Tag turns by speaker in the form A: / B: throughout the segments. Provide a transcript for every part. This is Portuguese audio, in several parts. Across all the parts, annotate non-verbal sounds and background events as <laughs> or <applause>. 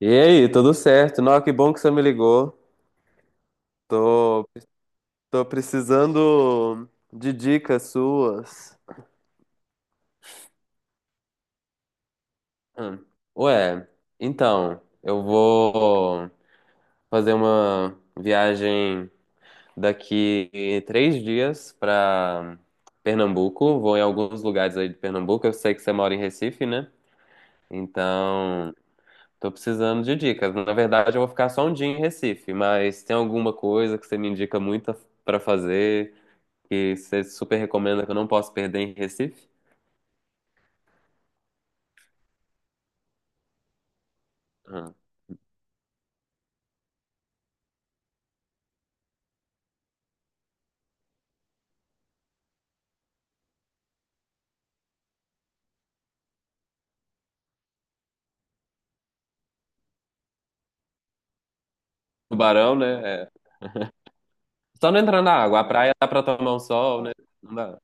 A: E aí, tudo certo? Não, que bom que você me ligou. Tô, tô precisando de dicas suas. Hum. Ué, então, eu vou fazer uma viagem daqui 3 dias pra Pernambuco. Vou em alguns lugares aí de Pernambuco. Eu sei que você mora em Recife, né? Então, tô precisando de dicas. Na verdade, eu vou ficar só um dia em Recife, mas tem alguma coisa que você me indica muito pra fazer? Que você super recomenda, que eu não posso perder em Recife? Uhum. Tubarão, né? É. Só não entrar na água. A praia dá pra tomar um sol, né? Não dá.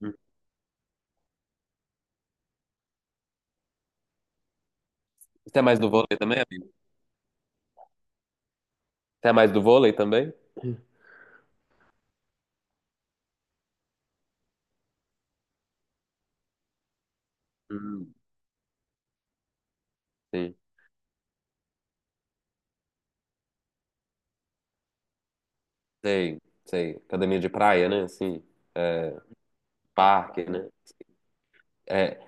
A: Hum. Você é mais do vôlei também, amigo? Você é mais do vôlei também? Hum. Sim, sei, sei. Academia de praia, né? Assim, parque, né? É.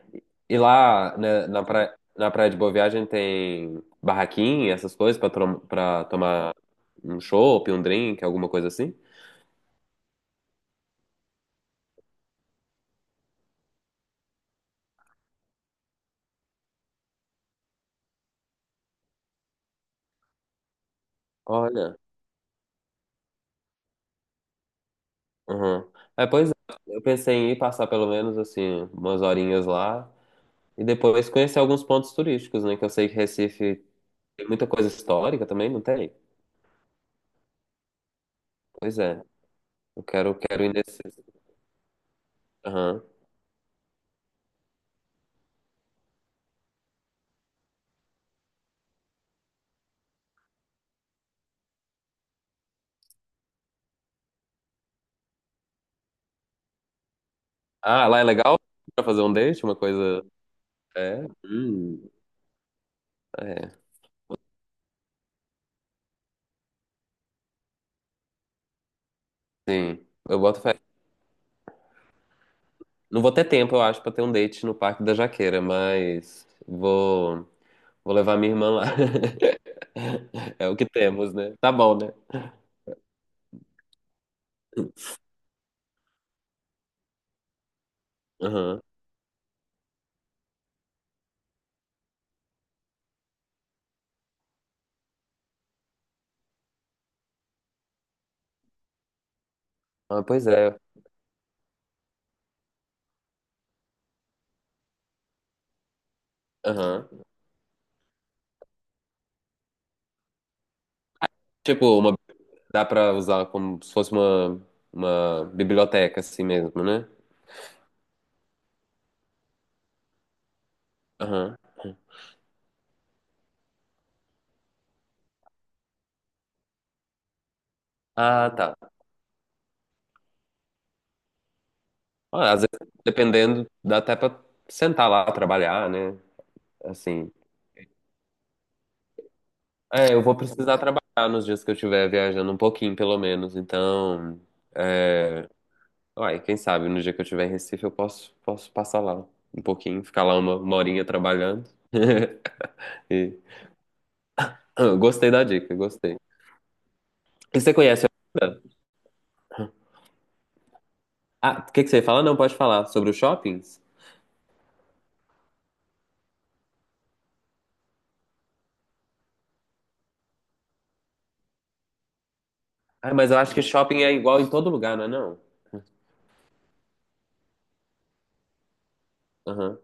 A: E lá, né, na praia de Boa Viagem tem barraquinha, essas coisas pra tomar um chopp, um drink, alguma coisa assim? Olha. Uhum. É, pois é, eu pensei em ir passar pelo menos assim umas horinhas lá e depois conhecer alguns pontos turísticos, né? Que eu sei que Recife tem muita coisa histórica também, não tem? Pois é, eu quero ir nesse. Aham. Ah, lá é legal pra fazer um date, uma coisa. É, é, sim. Eu boto fé. Não vou ter tempo, eu acho, pra ter um date no Parque da Jaqueira, mas vou levar minha irmã lá. <laughs> É o que temos, né? Tá bom, né? Aham. Ah, pois é. Aham. Tipo, dá pra usar como se fosse uma biblioteca assim mesmo, né? Aham. Ah, tá. Ah, às vezes, dependendo, dá até pra sentar lá, trabalhar, né? Assim. É, eu vou precisar trabalhar nos dias que eu estiver viajando um pouquinho, pelo menos. Então, é... Uai, quem sabe no dia que eu estiver em Recife eu posso passar lá um pouquinho, ficar lá uma horinha trabalhando. <laughs> E... Ah, gostei da dica, gostei. E você conhece... Ah, o que que você fala? Não, pode falar. Sobre os shoppings? Ah, mas eu acho que shopping é igual em todo lugar, não é não? Aham.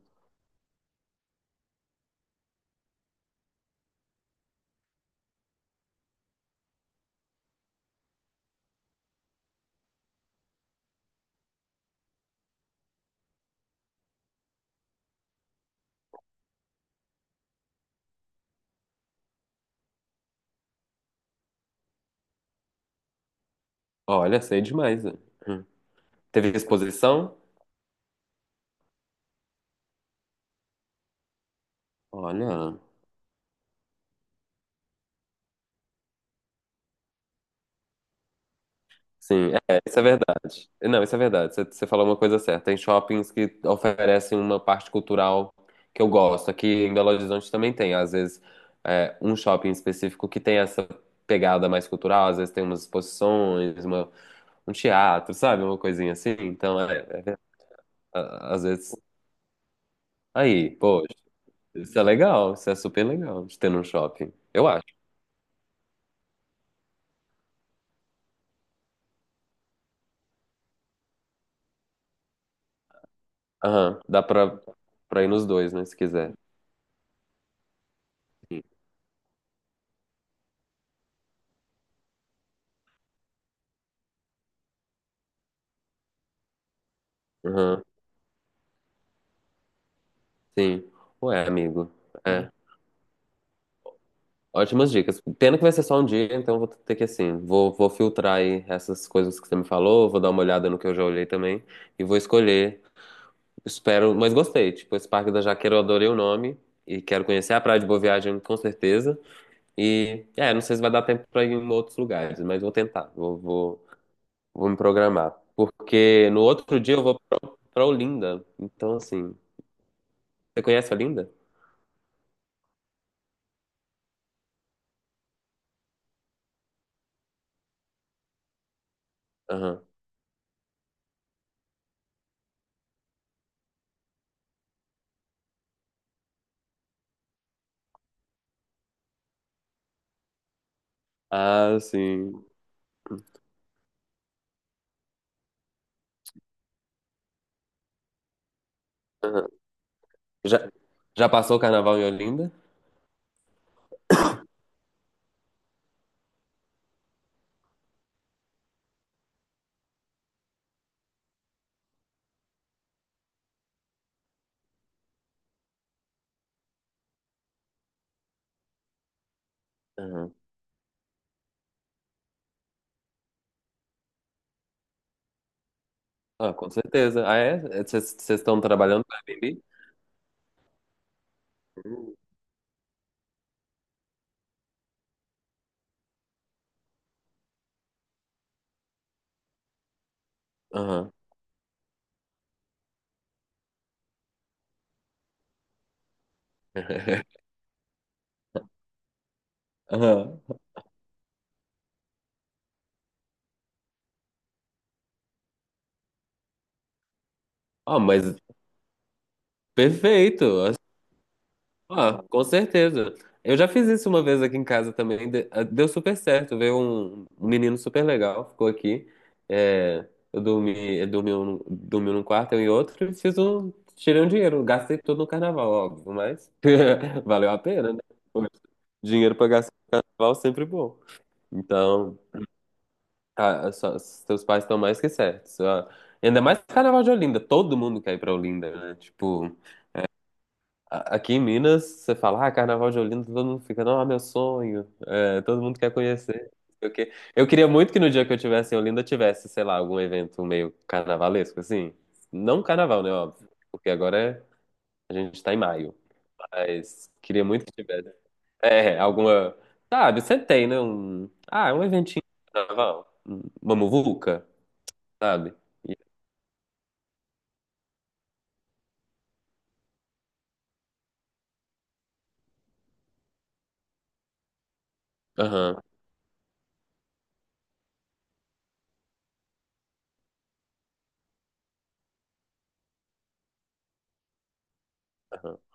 A: Olha, sei demais, né? Hum. Teve exposição? Olha, sim, é, isso é verdade. Não, isso é verdade. Você falou uma coisa certa. Tem shoppings que oferecem uma parte cultural que eu gosto. Aqui em Belo Horizonte também tem, às vezes, é, um shopping específico que tem essa pegada mais cultural. Às vezes tem umas exposições, um teatro, sabe? Uma coisinha assim. Então, é, às vezes... Aí, pô. Isso é legal, isso é super legal de ter num shopping. Eu acho. Aham, dá pra ir nos dois, né, se quiser. Sim. Aham, sim. Ué, amigo. É. Ótimas dicas. Pena que vai ser só um dia, então vou ter que, assim, vou filtrar aí essas coisas que você me falou, vou dar uma olhada no que eu já olhei também e vou escolher. Espero, mas gostei. Tipo, esse Parque da Jaqueira eu adorei o nome e quero conhecer a Praia de Boa Viagem com certeza. E, é, não sei se vai dar tempo pra ir em outros lugares, mas vou tentar. Vou me programar. Porque no outro dia eu vou pra Olinda. Então, assim. Você conhece Olinda? Aham. Ah, sim. Aham. Já, já passou o carnaval em Olinda? Aham. Ah, com certeza. Ah, é? É, vocês estão trabalhando no Airbnb? Hum. Aham. <laughs> Aham. Ah, mas perfeito. Ah, com certeza. Eu já fiz isso uma vez aqui em casa também. Deu super certo. Veio um menino super legal, ficou aqui. É, eu dormi, dormi num quarto, eu em outro, e fiz um. Tirei um dinheiro, gastei tudo no carnaval, óbvio, mas <laughs> valeu a pena, né? Poxa, dinheiro pra gastar no carnaval é sempre bom. Então, tá, seus pais estão mais que certos. Ah, ainda mais carnaval de Olinda, todo mundo quer ir pra Olinda, né? Tipo aqui em Minas, você fala, ah, Carnaval de Olinda, todo mundo fica, não, é meu sonho, é, todo mundo quer conhecer, não sei o quê. Eu queria muito que no dia que eu tivesse em Olinda tivesse, sei lá, algum evento meio carnavalesco, assim. Não carnaval, né, óbvio, porque agora a gente tá em maio, mas queria muito que tivesse. É, alguma, sabe, você tem, né, um eventinho de carnaval, uma muvuca, sabe? E- Aham, aham.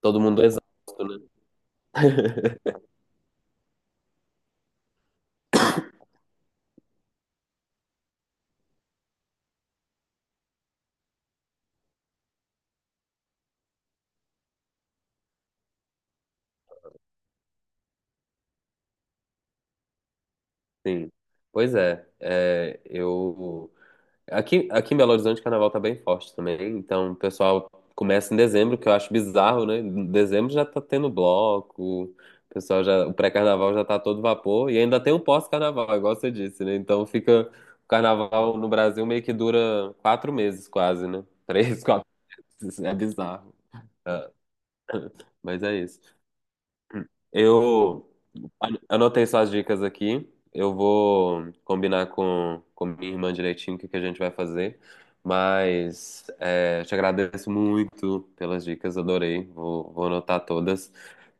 A: Todo mundo é exausto, né? <laughs> Sim, pois é, aqui em Belo Horizonte o carnaval tá bem forte também, então o pessoal começa em dezembro, que eu acho bizarro, né? Em dezembro já tá tendo bloco, o pessoal já, o pré-carnaval já tá a todo vapor e ainda tem o pós-carnaval, igual você disse, né? Então fica o carnaval no Brasil meio que dura 4 meses quase, né? 3, <laughs> 4 meses, é bizarro, é, mas é isso. Eu Olha, anotei suas dicas aqui. Eu vou combinar com minha irmã direitinho o que que a gente vai fazer. Mas é, te agradeço muito pelas dicas, adorei. Vou anotar todas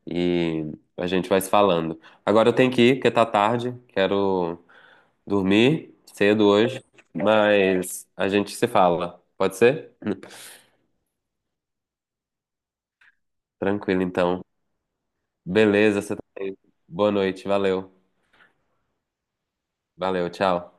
A: e a gente vai se falando. Agora eu tenho que ir, porque tá tarde. Quero dormir cedo hoje, mas a gente se fala. Pode ser? Tranquilo, então. Beleza, boa noite, valeu. Valeu, tchau.